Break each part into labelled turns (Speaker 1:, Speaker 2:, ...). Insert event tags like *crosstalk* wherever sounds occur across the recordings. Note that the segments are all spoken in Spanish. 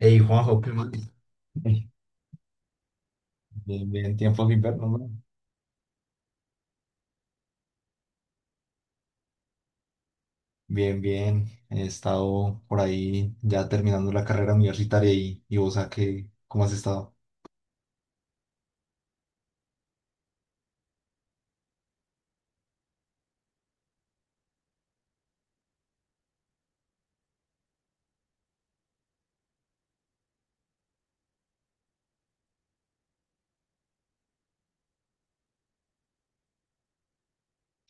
Speaker 1: Hey Juanjo, ¿qué más? *laughs* Bien, bien, tiempos inviernos, ¿no? Bien, bien. He estado por ahí ya terminando la carrera universitaria y vos, ¿a qué? ¿Cómo has estado?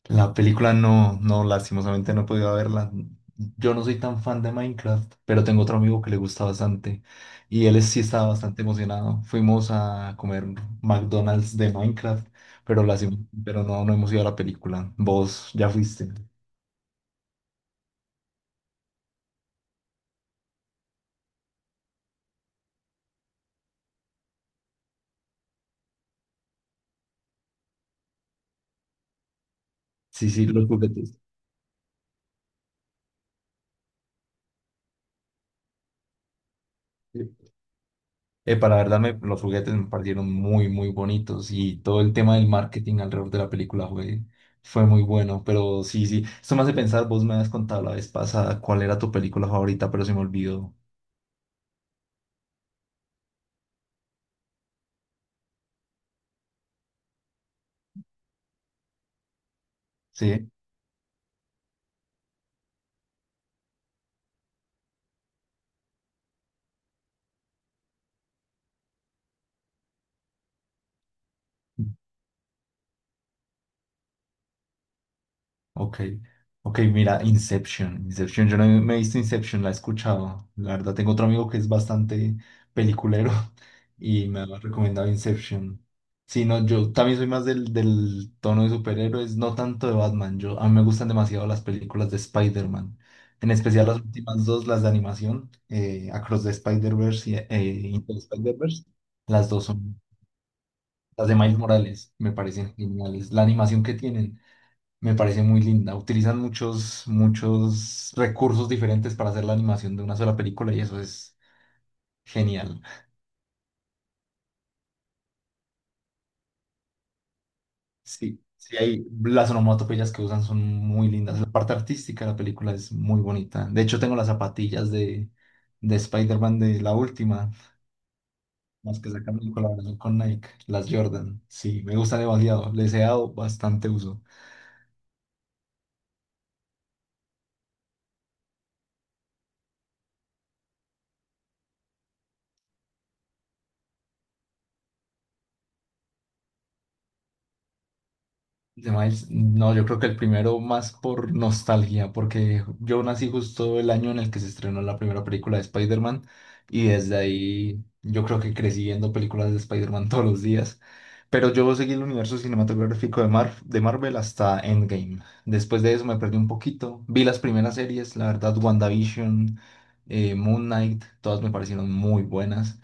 Speaker 1: La película no, no, lastimosamente no he podido verla. Yo no soy tan fan de Minecraft, pero tengo otro amigo que le gusta bastante y él sí estaba bastante emocionado. Fuimos a comer McDonald's de Minecraft, pero, pero no, no hemos ido a la película. Vos ya fuiste. Sí, sí, los juguetes. Epa, la verdad, los juguetes me parecieron muy, muy bonitos y todo el tema del marketing alrededor de la película fue muy bueno. Pero sí, sí, esto me hace pensar, vos me habías contado la vez pasada cuál era tu película favorita, pero se me olvidó. Sí. Ok, ok, mira, Inception, Inception, yo no me he visto Inception, la he escuchado, la verdad tengo otro amigo que es bastante peliculero *laughs* y me ha recomendado Inception. Sí, no, yo también soy más del tono de superhéroes, no tanto de Batman, yo, a mí me gustan demasiado las películas de Spider-Man, en especial las últimas dos, las de animación, Across the Spider-Verse y Into the Spider-Verse, las dos son, las de Miles Morales, me parecen geniales, la animación que tienen. Me parece muy linda. Utilizan muchos, muchos recursos diferentes para hacer la animación de una sola película y eso es genial. Sí, sí, hay las onomatopeyas que usan son muy lindas. La parte artística de la película es muy bonita. De hecho, tengo las zapatillas de, Spider-Man de la última, las que sacaron en colaboración con Nike, las Jordan. Sí, me gustan demasiado. Les he dado bastante uso. De Miles, no, yo creo que el primero más por nostalgia, porque yo nací justo el año en el que se estrenó la primera película de Spider-Man y desde ahí yo creo que crecí viendo películas de Spider-Man *laughs* todos los días. Pero yo seguí el universo cinematográfico de Marvel hasta Endgame. Después de eso me perdí un poquito. Vi las primeras series, la verdad, WandaVision, Moon Knight, todas me parecieron muy buenas.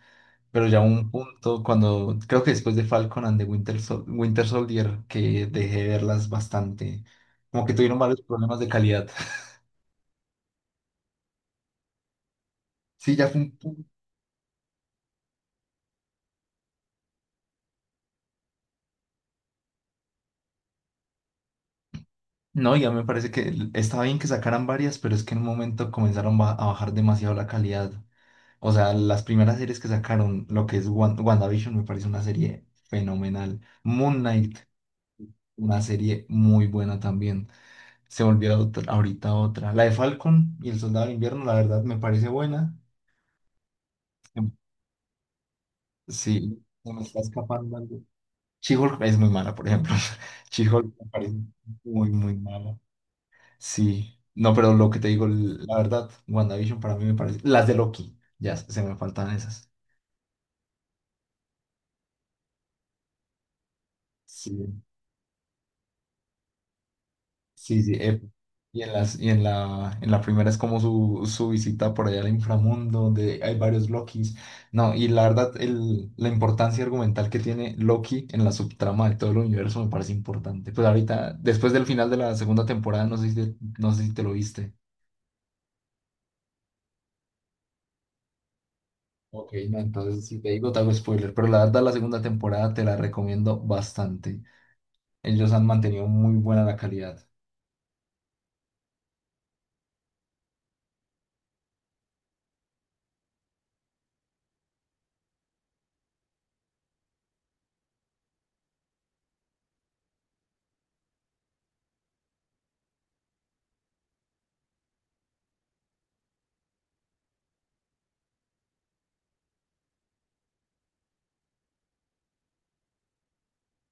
Speaker 1: Pero ya hubo un punto cuando, creo que después de Falcon and the Winter, Winter Soldier, que dejé de verlas bastante, como que tuvieron varios problemas de calidad. *laughs* Sí, ya fue un punto. No, ya me parece que estaba bien que sacaran varias, pero es que en un momento comenzaron a bajar demasiado la calidad. O sea, las primeras series que sacaron, lo que es WandaVision, me parece una serie fenomenal. Moon Knight, una serie muy buena también. Se volvió ahorita otra. La de Falcon y el Soldado de Invierno, la verdad, me parece buena. Sí, se me está escapando algo. She es muy mala, por ejemplo. *laughs* She me parece muy, muy mala. Sí, no, pero lo que te digo, la verdad, WandaVision para mí me parece. Las de Loki, ya se me faltan esas. Sí. Sí, sí, y en las, y en la primera es como su visita por allá al inframundo, donde hay varios Lokis. No, y la verdad, el, la importancia argumental que tiene Loki en la subtrama de todo el universo me parece importante. Pues ahorita, después del final de la segunda temporada, no sé si te lo viste. Ok, no, entonces si te digo, te hago spoiler, pero la verdad, la segunda temporada te la recomiendo bastante. Ellos han mantenido muy buena la calidad.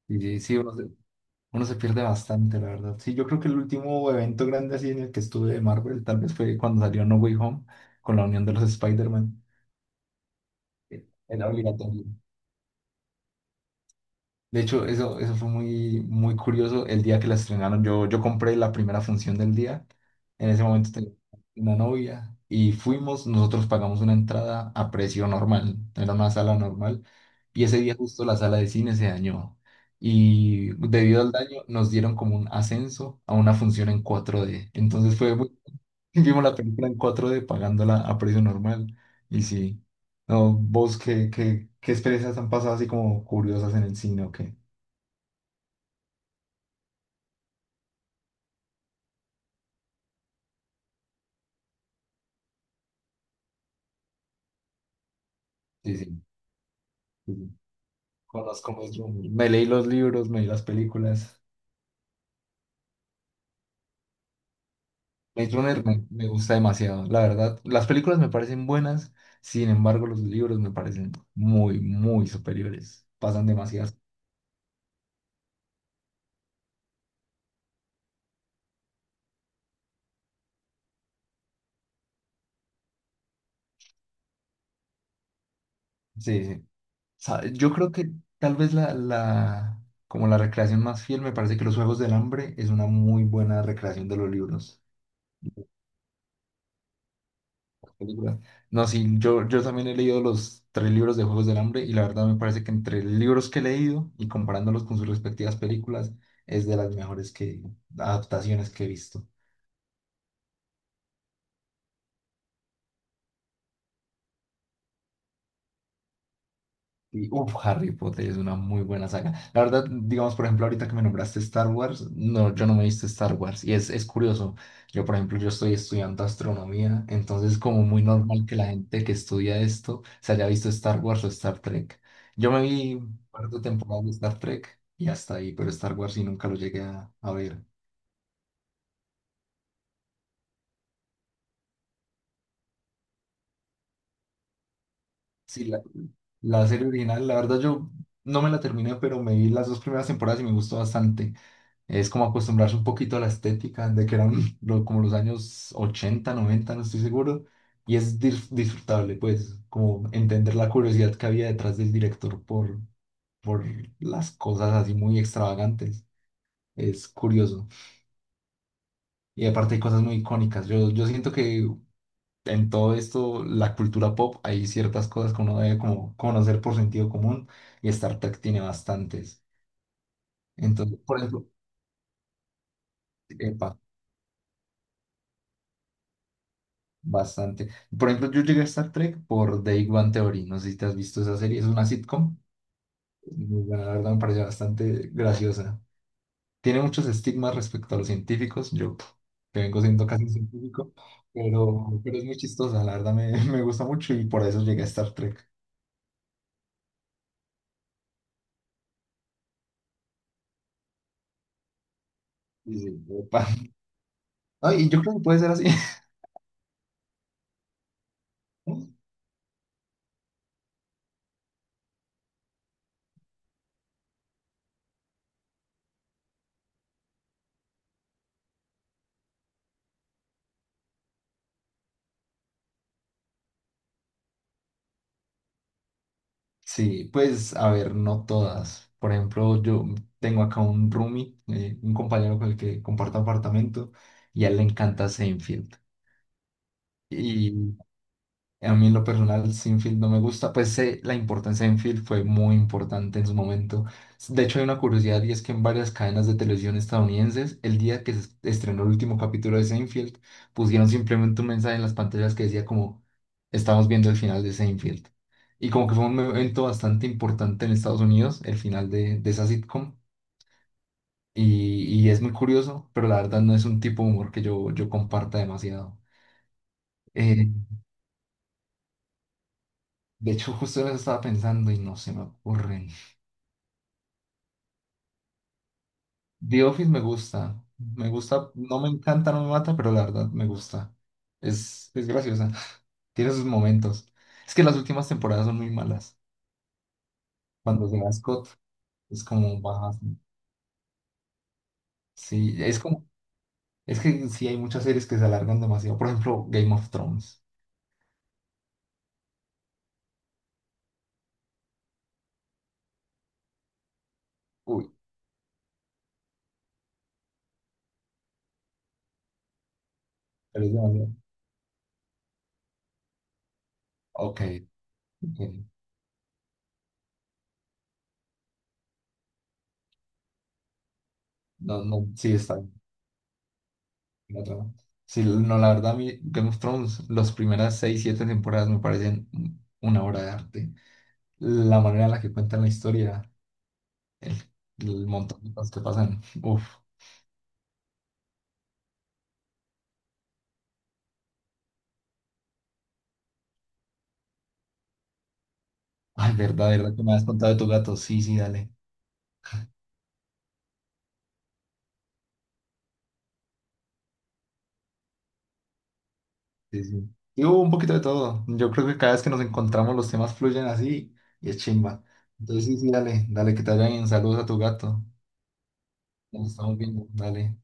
Speaker 1: Y sí, sí, uno uno se pierde bastante, la verdad. Sí, yo creo que el último evento grande así en el que estuve de Marvel tal vez fue cuando salió No Way Home con la unión de los Spider-Man. Era obligatorio. De hecho, eso fue muy, muy curioso. El día que la estrenaron, yo compré la primera función del día. En ese momento tenía una novia y fuimos, nosotros pagamos una entrada a precio normal, era una sala normal. Y ese día justo la sala de cine se dañó. Y debido al daño nos dieron como un ascenso a una función en 4D. Entonces fue *laughs* vimos la película en 4D pagándola a precio normal. Y sí, no, vos qué, experiencias han pasado así como curiosas en el cine, o qué. Sí, sí, sí, sí. Conozco Maze Runner. Me leí los libros, me vi las películas. Maze Runner me gusta demasiado, la verdad. Las películas me parecen buenas, sin embargo, los libros me parecen muy, muy superiores. Pasan demasiadas. Sí, sí. Yo creo que tal vez como la recreación más fiel, me parece que Los Juegos del Hambre es una muy buena recreación de los libros. Películas. No, sí, yo, también he leído los tres libros de Juegos del Hambre y la verdad me parece que entre libros que he leído y comparándolos con sus respectivas películas es de las mejores que, adaptaciones que he visto. Y, uf, Harry Potter es una muy buena saga. La verdad, digamos, por ejemplo, ahorita que me nombraste Star Wars, no, yo no me viste Star Wars. Y es curioso. Yo, por ejemplo, yo estoy estudiando astronomía, entonces es como muy normal que la gente que estudia esto se haya visto Star Wars o Star Trek. Yo me vi un par de temporadas de Star Trek y hasta ahí, pero Star Wars sí nunca lo llegué a ver. Sí, la serie original, la verdad, yo no me la terminé, pero me vi las dos primeras temporadas y me gustó bastante. Es como acostumbrarse un poquito a la estética de que eran *laughs* como los años 80 90 no estoy seguro. Y es disfrutable, pues, como entender la curiosidad que había detrás del director por, por las cosas así muy extravagantes. Es curioso. Y aparte hay cosas muy icónicas. Yo siento que en todo esto, la cultura pop, hay ciertas cosas que uno debe como conocer por sentido común y Star Trek tiene bastantes. Entonces, por ejemplo, bastante. Por ejemplo, yo llegué a Star Trek por The Big Bang Theory. No sé si te has visto esa serie. Es una sitcom. Muy buena, la verdad me pareció bastante graciosa. Tiene muchos estigmas respecto a los científicos. Yo, pf, que vengo siendo casi un científico, pero es muy chistosa. La verdad me, *laughs* me gusta mucho y por eso llegué a Star Trek. Y, sí, epa. No, y yo creo que puede ser así. *laughs* Sí, pues a ver, no todas. Por ejemplo, yo tengo acá un roomie, un compañero con el que comparto apartamento, y a él le encanta Seinfeld. Y a mí en lo personal Sinfield no me gusta, pues sé, la importancia de Sinfield fue muy importante en su momento. De hecho hay una curiosidad y es que en varias cadenas de televisión estadounidenses, el día que se estrenó el último capítulo de Seinfeld, pusieron simplemente un mensaje en las pantallas que decía como, estamos viendo el final de Seinfeld. Y como que fue un evento bastante importante en Estados Unidos, el final de, esa sitcom. Y es muy curioso, pero la verdad no es un tipo de humor que yo comparta demasiado. Eh, De hecho, justo en eso estaba pensando y no se me ocurren. The Office me gusta. Me gusta, no me encanta, no me mata, pero la verdad me gusta. Es graciosa. *laughs* Tiene sus momentos. Es que las últimas temporadas son muy malas. Cuando se va Scott, es como bajas. Sí, es como, es que sí hay muchas series que se alargan demasiado. Por ejemplo, Game of Thrones. Uy, pero es demasiado. Ok, ok. No, no, sí está. La trama. Sí, no, la verdad, a mí Game of Thrones, las primeras seis, siete temporadas me parecen una obra de arte. La manera en la que cuentan la historia, el, el montón de cosas que pasan. Uf, ay, verdad, verdad que me has contado de tu gato. Sí, sí, dale. Sí, sí. Y hubo un poquito de todo. Yo creo que cada vez que nos encontramos los temas fluyen así y es chimba. Entonces, sí, sí, dale, dale que te vayan bien. Saludos a tu gato. Nos estamos viendo, dale.